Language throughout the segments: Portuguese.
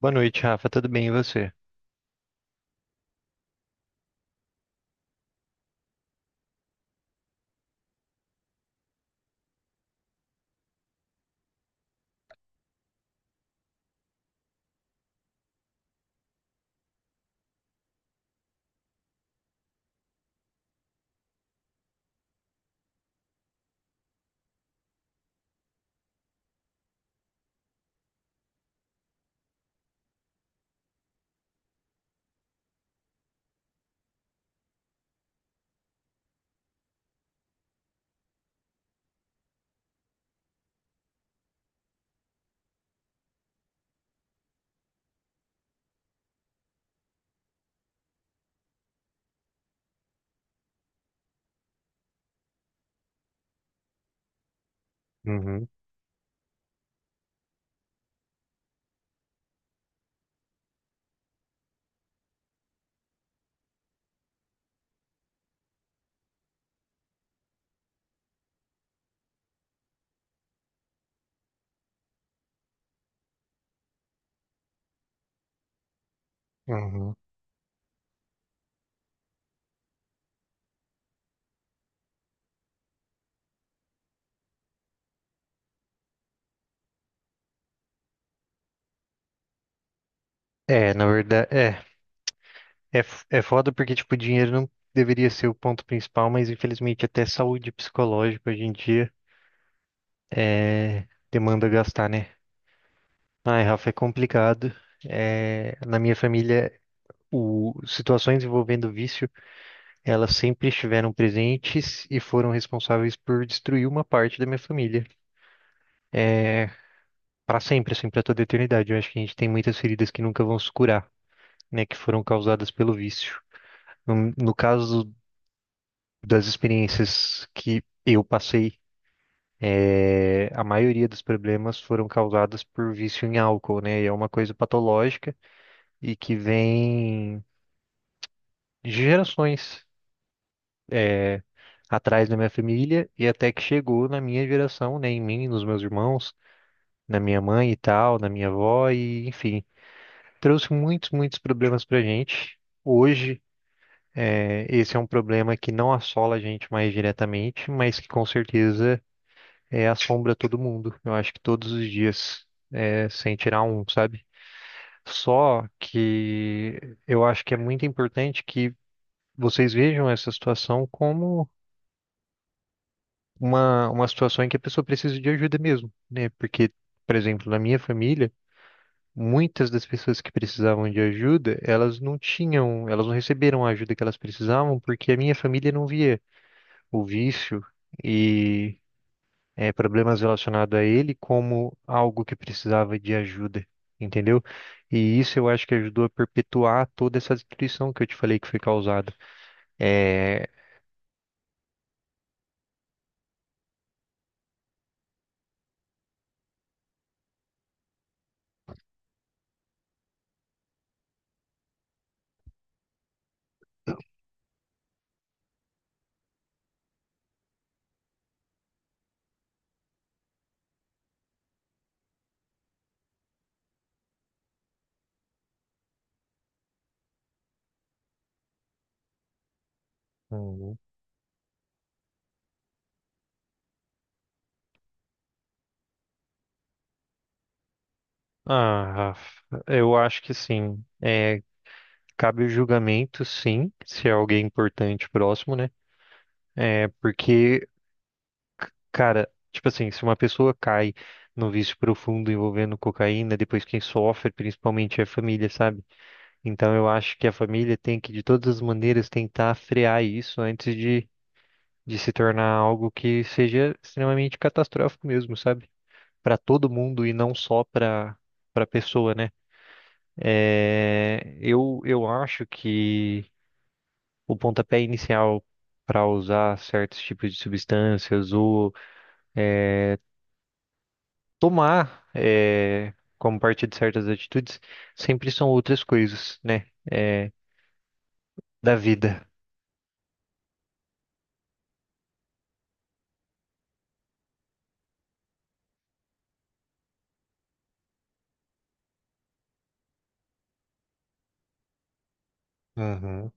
Boa noite, Rafa. Tudo bem e você? Uhum, uhum. É, na verdade, é foda porque, tipo, dinheiro não deveria ser o ponto principal, mas infelizmente até saúde psicológica hoje em dia demanda gastar, né? Ai, Rafa, é complicado. É, na minha família, situações envolvendo vício, elas sempre estiveram presentes e foram responsáveis por destruir uma parte da minha família. É, para sempre, assim, para toda a eternidade. Eu acho que a gente tem muitas feridas que nunca vão se curar, né, que foram causadas pelo vício. No caso das experiências que eu passei, a maioria dos problemas foram causadas por vício em álcool, né? E é uma coisa patológica e que vem de gerações. é, atrás da minha família e até que chegou na minha geração, né, em mim, nos meus irmãos, na minha mãe e tal, na minha avó e enfim, trouxe muitos, muitos problemas pra gente. Hoje, esse é um problema que não assola a gente mais diretamente, mas que com certeza assombra todo mundo. Eu acho que todos os dias, sem tirar um, sabe? Só que eu acho que é muito importante que vocês vejam essa situação como uma situação em que a pessoa precisa de ajuda mesmo, né? Porque, por exemplo, na minha família, muitas das pessoas que precisavam de ajuda, elas não tinham, elas não receberam a ajuda que elas precisavam porque a minha família não via o vício e problemas relacionados a ele como algo que precisava de ajuda, entendeu? E isso eu acho que ajudou a perpetuar toda essa destruição que eu te falei que foi causada. É, uhum. Ah, Rafa, eu acho que sim. Cabe o julgamento, sim, se é alguém importante próximo, né? É porque, cara, tipo assim, se uma pessoa cai num vício profundo envolvendo cocaína, depois quem sofre principalmente é a família, sabe? Então eu acho que a família tem que, de todas as maneiras, tentar frear isso antes de se tornar algo que seja extremamente catastrófico mesmo, sabe? Para todo mundo e não só para pessoa, né? É, eu acho que o pontapé inicial para usar certos tipos de substâncias ou eh, tomar como parte de certas atitudes, sempre são outras coisas, né? Da vida. Uhum.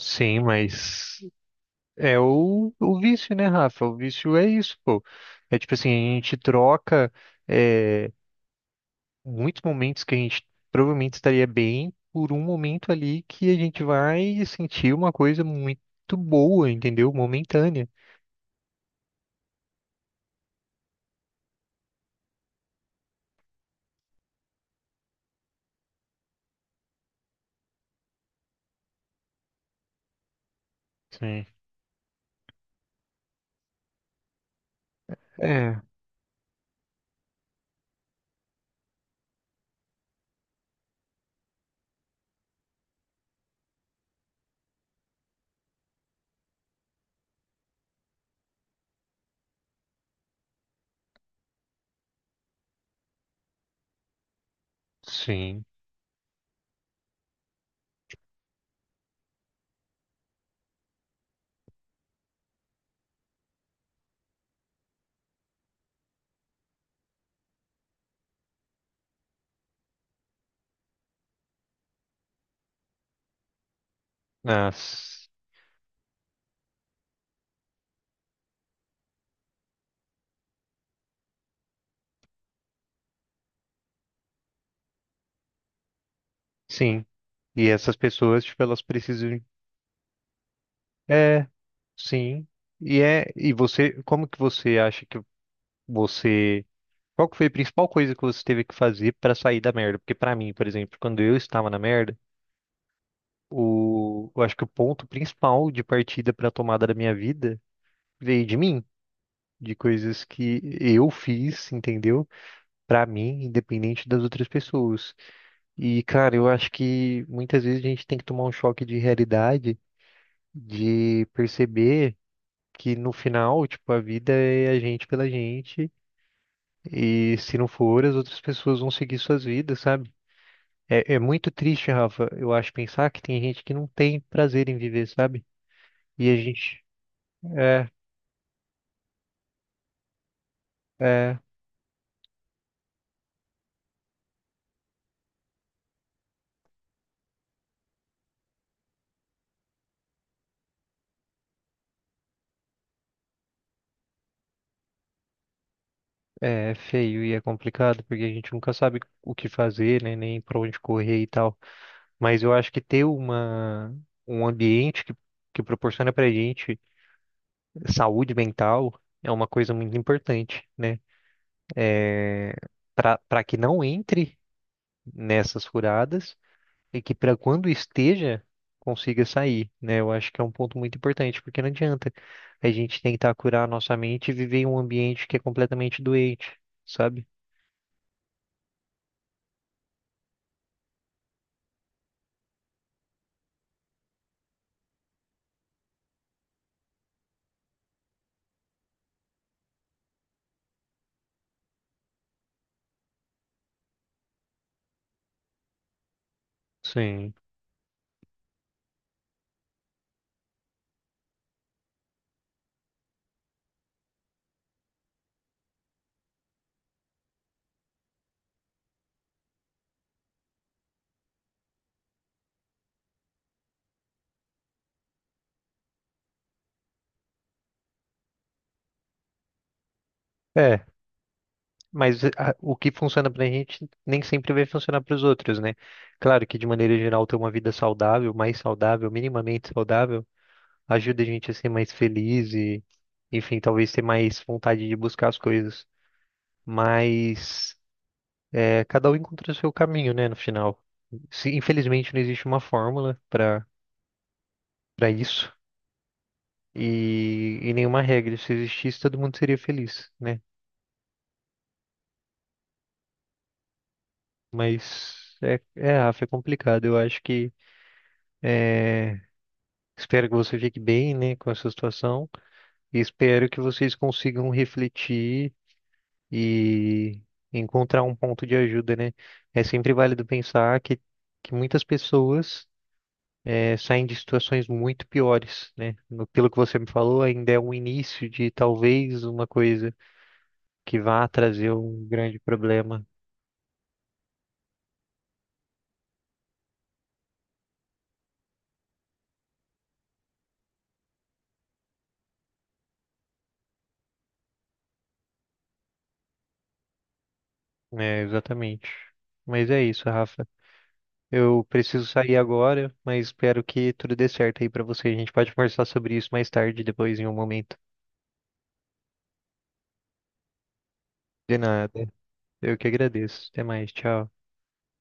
Sim, mas é o vício, né, Rafa? O vício é isso, pô. É tipo assim, a gente troca é, muitos momentos que a gente provavelmente estaria bem por um momento ali que a gente vai sentir uma coisa muito boa, entendeu? Momentânea. Sim. É, sim. Ah, sim. E essas pessoas, tipo, elas precisam. É, sim. E você, como que você acha que você, qual que foi a principal coisa que você teve que fazer pra sair da merda? Porque pra mim, por exemplo, quando eu estava na merda, eu acho que o ponto principal de partida pra tomada da minha vida veio de mim, de coisas que eu fiz, entendeu? Pra mim, independente das outras pessoas. E, cara, eu acho que muitas vezes a gente tem que tomar um choque de realidade, de perceber que no final, tipo, a vida é a gente pela gente, e se não for, as outras pessoas vão seguir suas vidas, sabe? É, é muito triste, Rafa, eu acho, pensar que tem gente que não tem prazer em viver, sabe? E a gente, é, é, é é feio e é complicado, porque a gente nunca sabe o que fazer, né? Nem pra onde correr e tal. Mas eu acho que ter um ambiente que proporciona pra gente saúde mental é uma coisa muito importante, né? Para que não entre nessas furadas e que para quando esteja consiga sair, né? Eu acho que é um ponto muito importante, porque não adianta a gente tentar curar a nossa mente e viver em um ambiente que é completamente doente, sabe? Sim. É, mas o que funciona pra gente nem sempre vai funcionar para os outros, né? Claro que de maneira geral ter uma vida saudável, mais saudável, minimamente saudável ajuda a gente a ser mais feliz e, enfim, talvez ter mais vontade de buscar as coisas. Mas cada um encontra o seu caminho, né, no final. Infelizmente não existe uma fórmula para isso e nenhuma regra. Se existisse, todo mundo seria feliz, né? Mas, Rafa, é complicado. Eu acho que espero que você fique bem, né, com essa situação e espero que vocês consigam refletir e encontrar um ponto de ajuda, né? É sempre válido pensar que muitas pessoas saem de situações muito piores, né? Pelo que você me falou, ainda é um início de talvez uma coisa que vá trazer um grande problema. É, exatamente. Mas é isso, Rafa. Eu preciso sair agora, mas espero que tudo dê certo aí pra você. A gente pode conversar sobre isso mais tarde, depois em um momento. De nada. Eu que agradeço. Até mais. Tchau.